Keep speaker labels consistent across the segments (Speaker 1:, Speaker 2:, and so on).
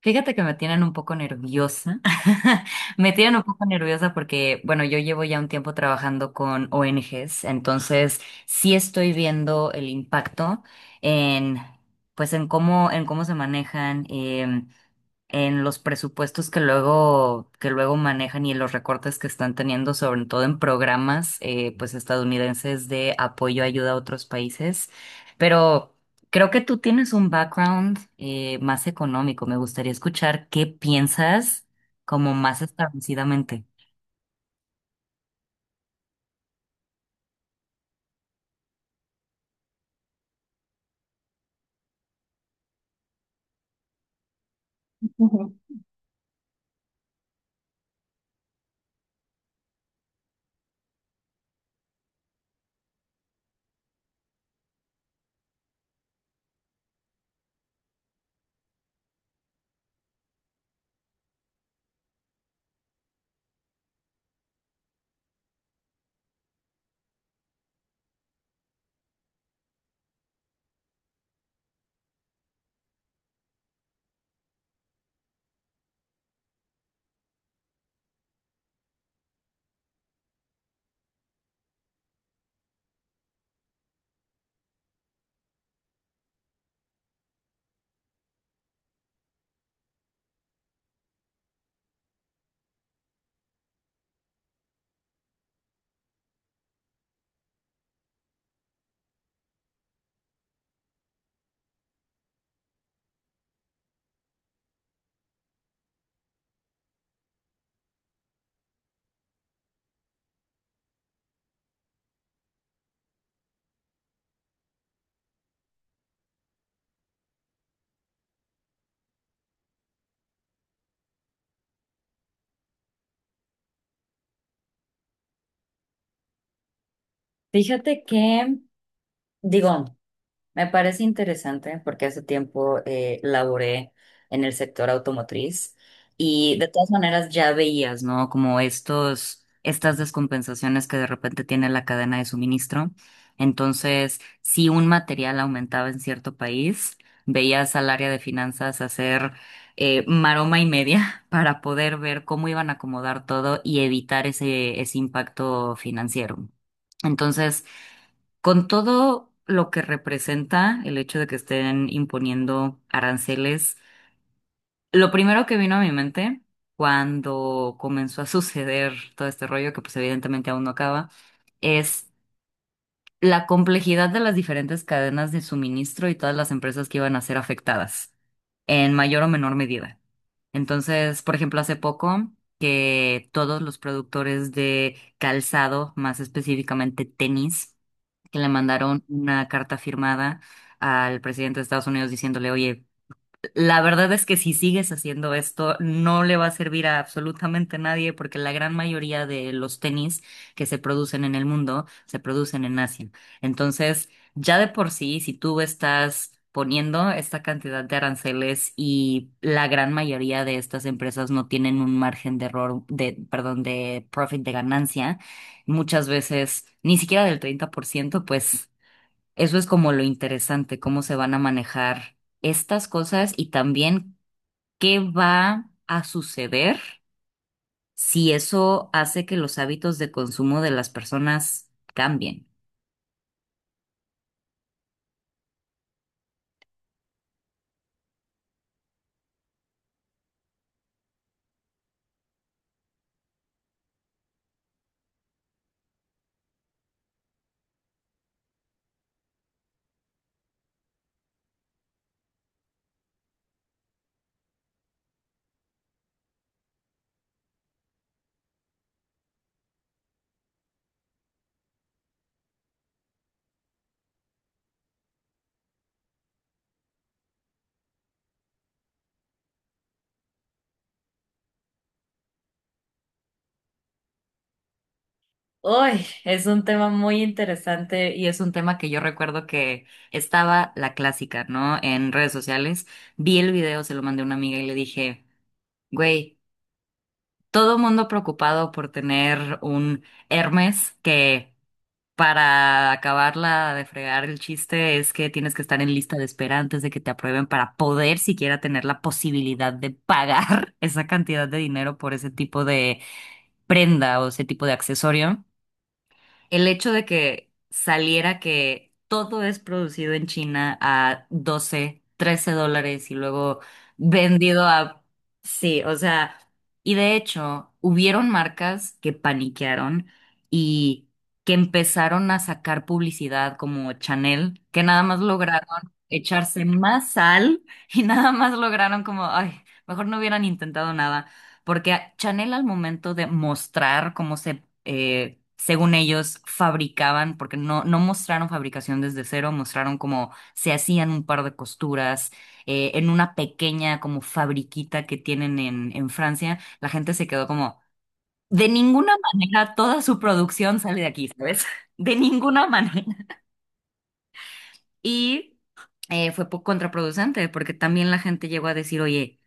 Speaker 1: Fíjate que me tienen un poco nerviosa. Me tienen un poco nerviosa porque, bueno, yo llevo ya un tiempo trabajando con ONGs, entonces sí estoy viendo el impacto en, pues, en cómo se manejan. En los presupuestos que luego manejan y en los recortes que están teniendo, sobre todo en programas pues estadounidenses de apoyo, ayuda a otros países. Pero creo que tú tienes un background más económico. Me gustaría escuchar qué piensas como más establecidamente. Ujú. Fíjate que, digo, me parece interesante porque hace tiempo laboré en el sector automotriz y de todas maneras ya veías, ¿no? Como estas descompensaciones que de repente tiene la cadena de suministro. Entonces, si un material aumentaba en cierto país, veías al área de finanzas hacer maroma y media para poder ver cómo iban a acomodar todo y evitar ese impacto financiero. Entonces, con todo lo que representa el hecho de que estén imponiendo aranceles, lo primero que vino a mi mente cuando comenzó a suceder todo este rollo, que pues evidentemente aún no acaba, es la complejidad de las diferentes cadenas de suministro y todas las empresas que iban a ser afectadas, en mayor o menor medida. Entonces, por ejemplo, hace poco que todos los productores de calzado, más específicamente tenis, que le mandaron una carta firmada al presidente de Estados Unidos diciéndole, oye, la verdad es que si sigues haciendo esto, no le va a servir a absolutamente nadie porque la gran mayoría de los tenis que se producen en el mundo se producen en Asia. Entonces, ya de por sí, si tú estás poniendo esta cantidad de aranceles y la gran mayoría de estas empresas no tienen un margen de error, de, perdón, de profit, de ganancia, muchas veces ni siquiera del 30%, pues eso es como lo interesante, cómo se van a manejar estas cosas y también qué va a suceder si eso hace que los hábitos de consumo de las personas cambien. Uy, es un tema muy interesante y es un tema que yo recuerdo que estaba la clásica, ¿no? En redes sociales. Vi el video, se lo mandé a una amiga y le dije, güey, todo mundo preocupado por tener un Hermes que, para acabarla de fregar, el chiste es que tienes que estar en lista de espera antes de que te aprueben para poder siquiera tener la posibilidad de pagar esa cantidad de dinero por ese tipo de prenda o ese tipo de accesorio. El hecho de que saliera que todo es producido en China a 12 13 dólares y luego vendido a... Sí, o sea, y de hecho, hubieron marcas que paniquearon y que empezaron a sacar publicidad como Chanel, que nada más lograron echarse más sal y nada más lograron como, ay, mejor no hubieran intentado nada. Porque Chanel al momento de mostrar cómo se, según ellos, fabricaban, porque no mostraron fabricación desde cero, mostraron cómo se hacían un par de costuras en una pequeña como fabriquita que tienen en Francia, la gente se quedó como, de ninguna manera toda su producción sale de aquí, ¿sabes? De ninguna manera. Y fue contraproducente, porque también la gente llegó a decir, oye,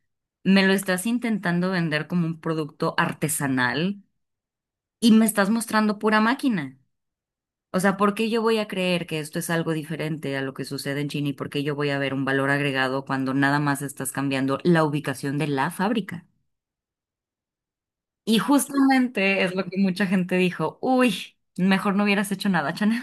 Speaker 1: me lo estás intentando vender como un producto artesanal y me estás mostrando pura máquina. O sea, ¿por qué yo voy a creer que esto es algo diferente a lo que sucede en China y por qué yo voy a ver un valor agregado cuando nada más estás cambiando la ubicación de la fábrica? Y justamente es lo que mucha gente dijo, uy, mejor no hubieras hecho nada, Chanel.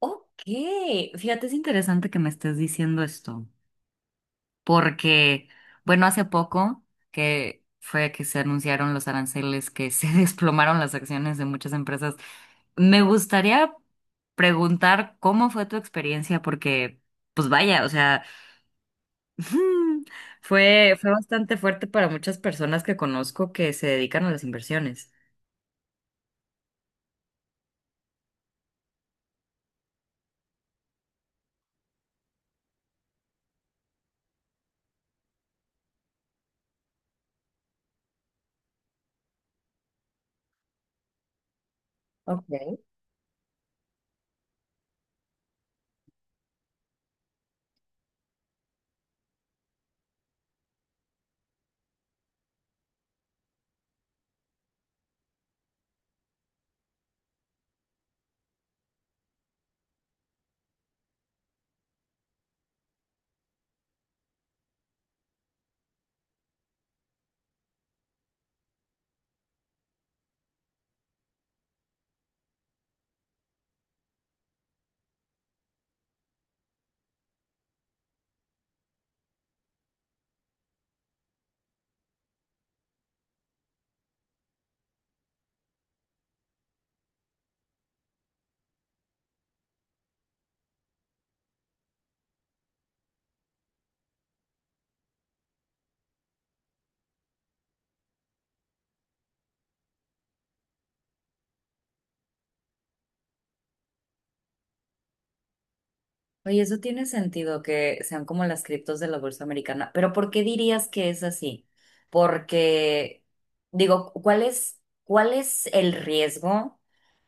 Speaker 1: Ok, fíjate, es interesante que me estés diciendo esto, porque, bueno, hace poco que fue que se anunciaron los aranceles, que se desplomaron las acciones de muchas empresas, me gustaría preguntar cómo fue tu experiencia, porque, pues vaya, o sea, fue bastante fuerte para muchas personas que conozco que se dedican a las inversiones. Oye, eso tiene sentido que sean como las criptos de la bolsa americana, pero ¿por qué dirías que es así? Porque, digo, ¿cuál es el riesgo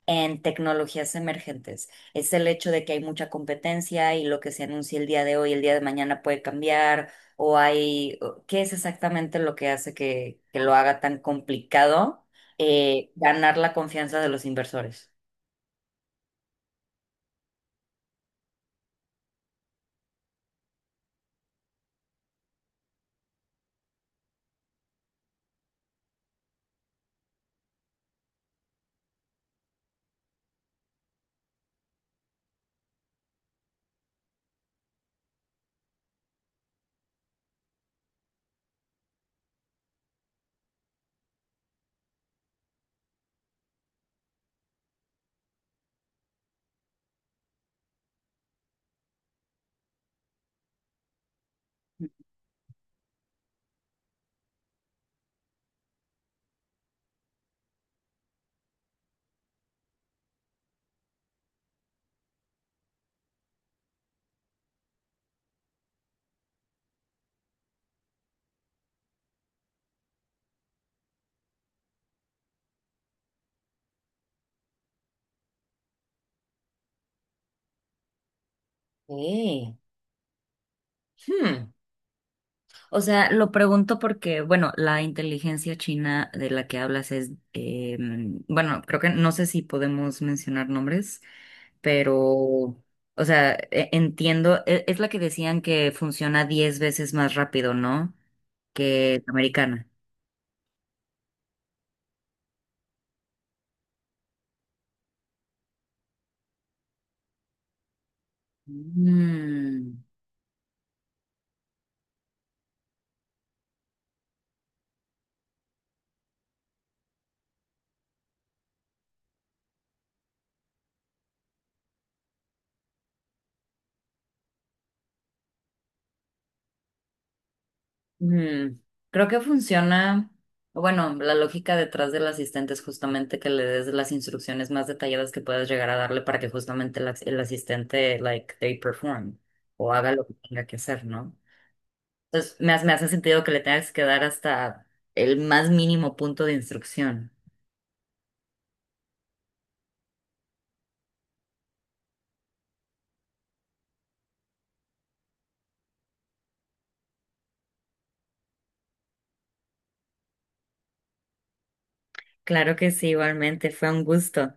Speaker 1: en tecnologías emergentes? ¿Es el hecho de que hay mucha competencia y lo que se anuncia el día de hoy, el día de mañana puede cambiar? ¿O hay, qué es exactamente lo que hace que lo haga tan complicado ganar la confianza de los inversores? Sí. O sea, lo pregunto porque, bueno, la inteligencia china de la que hablas es, bueno, creo que no sé si podemos mencionar nombres, pero, o sea, entiendo, es la que decían que funciona 10 veces más rápido, ¿no? Que la americana. Mm. Mm, creo que funciona, bueno, la lógica detrás del asistente es justamente que le des las instrucciones más detalladas que puedas llegar a darle para que justamente el asistente, like, they perform o haga lo que tenga que hacer, ¿no? Entonces, me hace sentido que le tengas que dar hasta el más mínimo punto de instrucción. Claro que sí, igualmente, fue un gusto.